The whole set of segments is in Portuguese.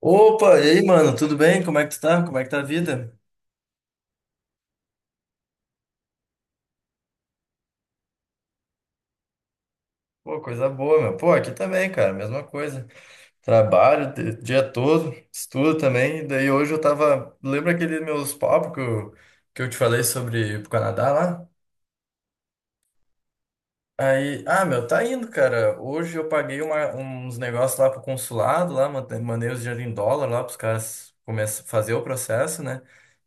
Opa, e aí, mano, tudo bem? Como é que tu tá? Como é que tá a vida? Pô, coisa boa, meu. Pô, aqui também, cara, mesma coisa. Trabalho o dia todo, estudo também. E daí hoje eu tava. Lembra aqueles meus papos que eu te falei sobre ir pro Canadá lá? Aí, ah, meu, tá indo, cara. Hoje eu paguei uns negócios lá pro consulado, lá, mandei os dinheiro em dólar lá pros caras começar fazer o processo, né?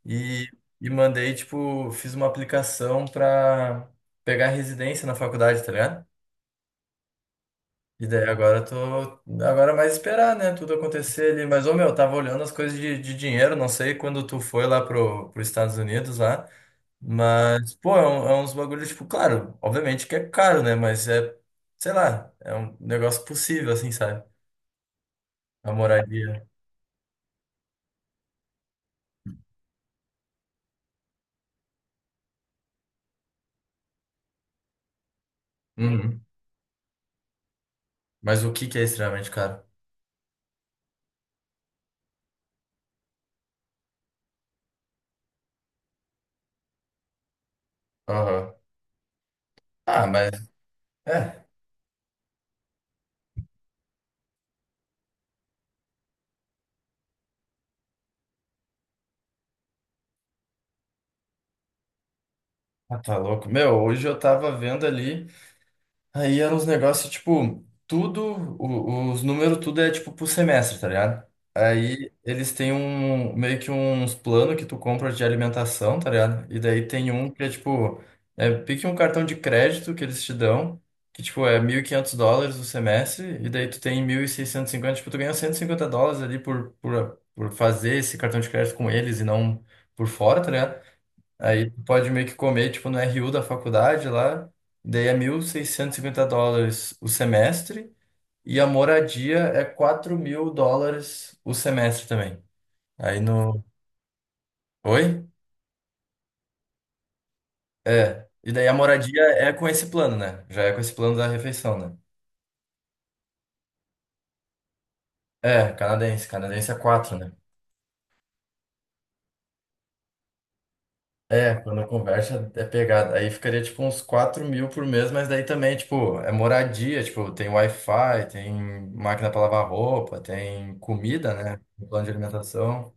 E, e mandei, tipo, fiz uma aplicação pra pegar residência na faculdade, tá ligado? E daí agora eu tô. Agora é mais esperar, né? Tudo acontecer ali. Mas, ô meu, eu tava olhando as coisas de dinheiro, não sei quando tu foi lá pro, pros Estados Unidos lá. Mas, pô, é, é uns bagulho, tipo, claro, obviamente que é caro, né? Mas é, sei lá, é um negócio possível, assim, sabe? A moradia. Uhum. Mas o que que é extremamente caro? Aham. Ah, mas. É, ah, tá louco. Meu, hoje eu tava vendo ali. Aí eram uns negócios, tipo, tudo, os números, tudo é tipo pro semestre, tá ligado? Aí eles têm um, meio que uns planos que tu compra de alimentação, tá ligado? E daí tem um que é tipo, é pique um cartão de crédito que eles te dão, que tipo é 1.500 dólares o semestre, e daí tu tem 1.650 tipo, tu ganha 150 dólares ali por, fazer esse cartão de crédito com eles e não por fora, tá ligado? Aí tu pode meio que comer, tipo, no RU da faculdade lá, daí é 1.650 dólares o semestre, e a moradia é 4.000 dólares o semestre também. Aí no. Oi? É. E daí a moradia é com esse plano, né? Já é com esse plano da refeição, né? É, canadense. Canadense é quatro, né? É, quando conversa é pegada. Aí ficaria tipo uns 4.000 por mês, mas daí também, tipo, é moradia, tipo, tem Wi-Fi, tem máquina para lavar roupa, tem comida, né? Plano de alimentação.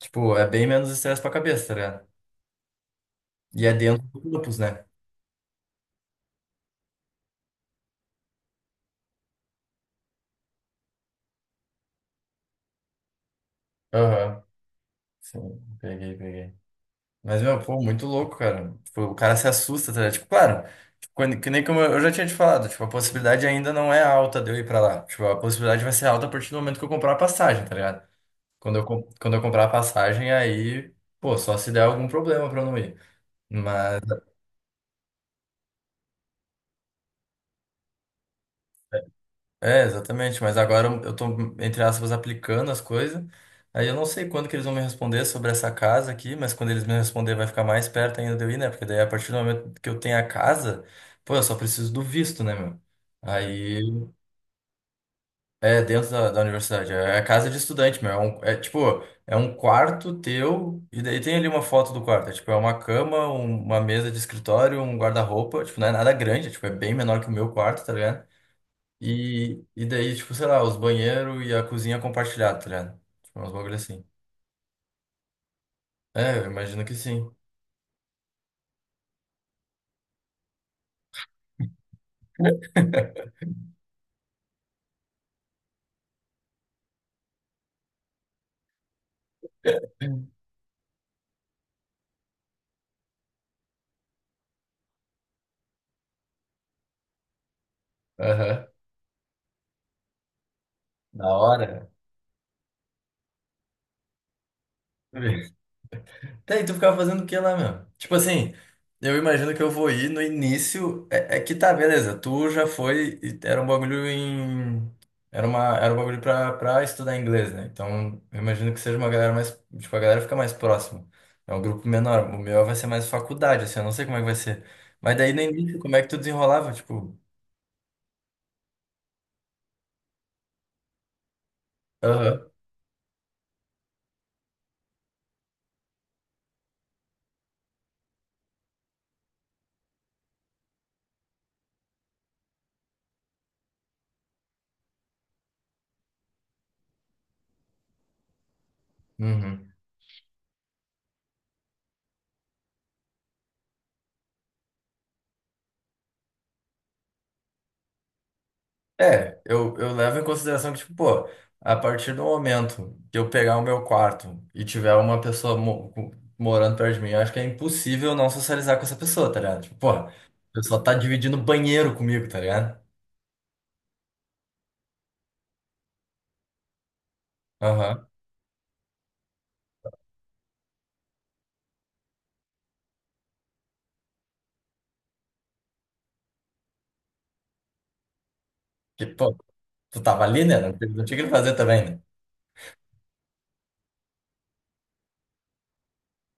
Tipo, é bem menos estresse pra cabeça, tá ligado? E é dentro do campus, né? Aham. Sim, peguei, peguei. Mas, meu, pô, muito louco, cara. Tipo, o cara se assusta, tá ligado? Tipo, claro, tipo, quando, que nem como eu já tinha te falado, tipo, a possibilidade ainda não é alta de eu ir pra lá. Tipo, a possibilidade vai ser alta a partir do momento que eu comprar a passagem, tá ligado? Quando eu comprar a passagem, aí, pô, só se der algum problema pra eu não ir. Mas, é, exatamente. Mas agora eu tô, entre aspas, aplicando as coisas. Aí eu não sei quando que eles vão me responder sobre essa casa aqui, mas quando eles me responder vai ficar mais perto ainda de eu ir, né? Porque daí a partir do momento que eu tenho a casa, pô, eu só preciso do visto, né, meu? Aí. É, dentro da universidade. É a casa de estudante, meu. É, é, tipo, é um quarto teu, e daí tem ali uma foto do quarto. É, tipo, é uma cama, uma mesa de escritório, um guarda-roupa. Tipo, não é nada grande, é, tipo, é bem menor que o meu quarto, tá ligado? E daí, tipo, sei lá, os banheiros e a cozinha compartilhada, tá ligado? Tipo, é uns bagulho assim. É, eu imagino que sim. Aham. Da hora. Tá, e tu ficava fazendo o que lá, meu? Tipo assim, eu imagino que eu vou ir no início. É, é que tá, beleza. Tu já foi. E era um bagulho em. Era um bagulho pra, estudar inglês, né? Então, eu imagino que seja uma galera mais. Tipo, a galera fica mais próxima. É um grupo menor. O meu vai ser mais faculdade, assim. Eu não sei como é que vai ser. Mas daí no início, como é que tu desenrolava? Tipo. Aham. Uhum. É, eu levo em consideração que, tipo, pô, a partir do momento que eu pegar o meu quarto e tiver uma pessoa morando perto de mim, eu acho que é impossível não socializar com essa pessoa, tá ligado? Tipo, pô, a pessoa tá dividindo banheiro comigo, tá ligado? Aham. Que, pô, tu tava ali, né? Não tinha o que fazer também, né?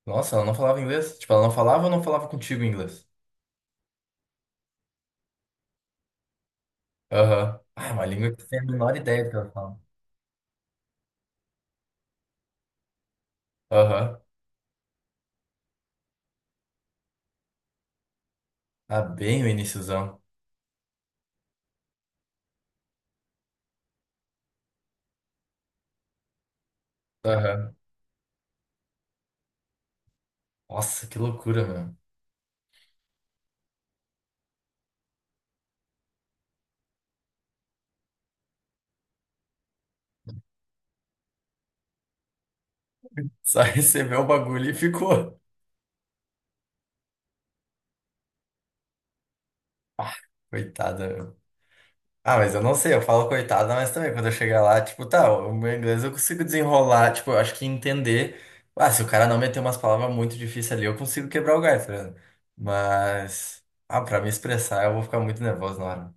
Nossa, ela não falava inglês? Tipo, ela não falava ou não falava contigo em inglês? Aham. Ah, é uma língua que tu tem a menor ideia do que ela fala. Aham. Ah, bem o iniciozão. Aham. Nossa, que loucura, meu. Só recebeu o bagulho e ficou. Ah, coitada. Ah, mas eu não sei, eu falo coitada, mas também quando eu chegar lá, tipo, tá, o meu inglês eu consigo desenrolar, tipo, eu acho que entender. Ah, se o cara não meter umas palavras muito difíceis ali, eu consigo quebrar o galho, tá ligado? Mas, ah, pra me expressar, eu vou ficar muito nervoso na hora.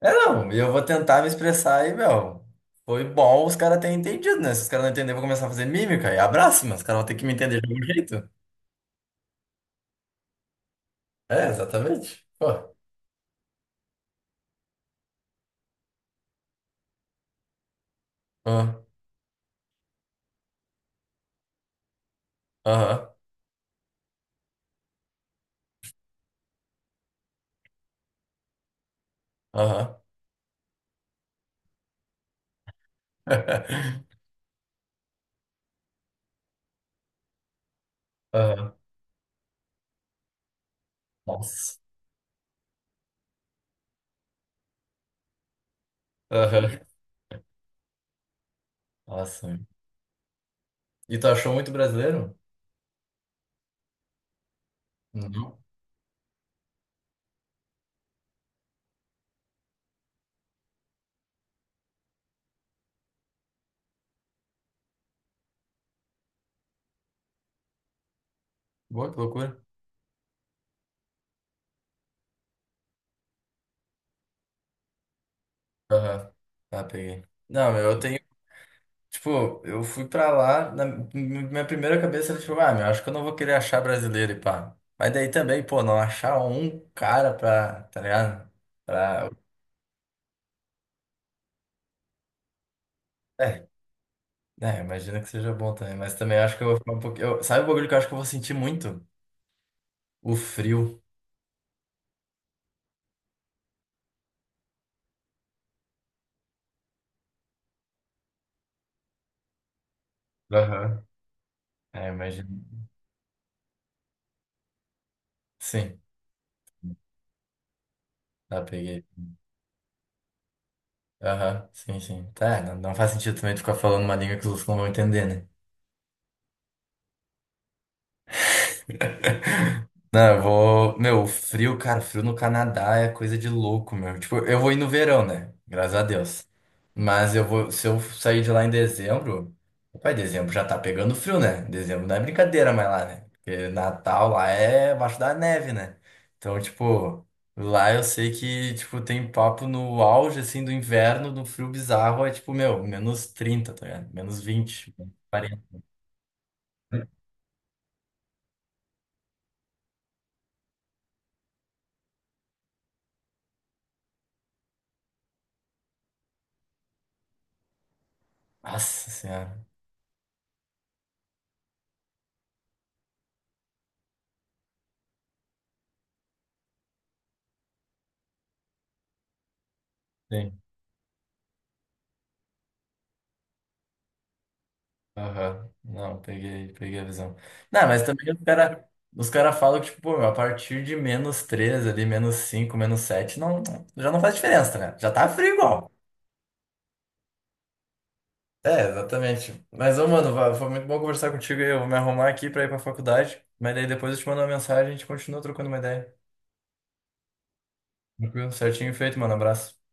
É, não, e eu vou tentar me expressar e, meu, foi bom os caras terem entendido, né? Se os caras não entenderem, eu vou começar a fazer mímica e abraço, mas os caras vão ter que me entender de algum jeito. É, exatamente. Pô, ah, aham, aham. Aham. Nossa. Aham. Nossa, meu. E tu achou muito brasileiro? Não. Boa, que loucura. Aham. Tá, peguei. Não, meu, eu tenho. Tipo, eu fui pra lá, na minha primeira cabeça era tipo, ah, meu, acho que eu não vou querer achar brasileiro e pá. Mas daí também, pô, não achar um cara pra, tá ligado? Pra. É, né, imagino que seja bom também, mas também acho que eu vou ficar um pouquinho. Sabe o bagulho que eu acho que eu vou sentir muito? O frio. Aham. É, imagino. Sim, tá, peguei. Aham, sim, sim. Tá, não, não faz sentido também tu ficar falando uma língua que os outros não vão entender, né? Não, eu vou. Meu, frio, cara, frio no Canadá é coisa de louco, meu. Tipo, eu vou ir no verão, né? Graças a Deus. Mas eu vou. Se eu sair de lá em dezembro. Pai, dezembro já tá pegando frio, né? Dezembro não é brincadeira mais lá, né? Porque Natal lá é abaixo da neve, né? Então, tipo, lá eu sei que, tipo, tem papo no auge, assim, do inverno, no frio bizarro, é tipo, meu, -30, tá ligado? -20, -40. Nossa Senhora. Aham. Não, peguei, peguei a visão. Não, mas também os cara, falam que, tipo, pô, meu, a partir de menos 3 ali, -5, -7, não, já não faz diferença, né? Já tá frio igual. É, exatamente. Mas, ô, mano, foi muito bom conversar contigo aí. Eu vou me arrumar aqui pra ir pra faculdade. Mas daí depois eu te mando uma mensagem e a gente continua trocando uma ideia. Tranquilo? Certinho feito, mano. Abraço.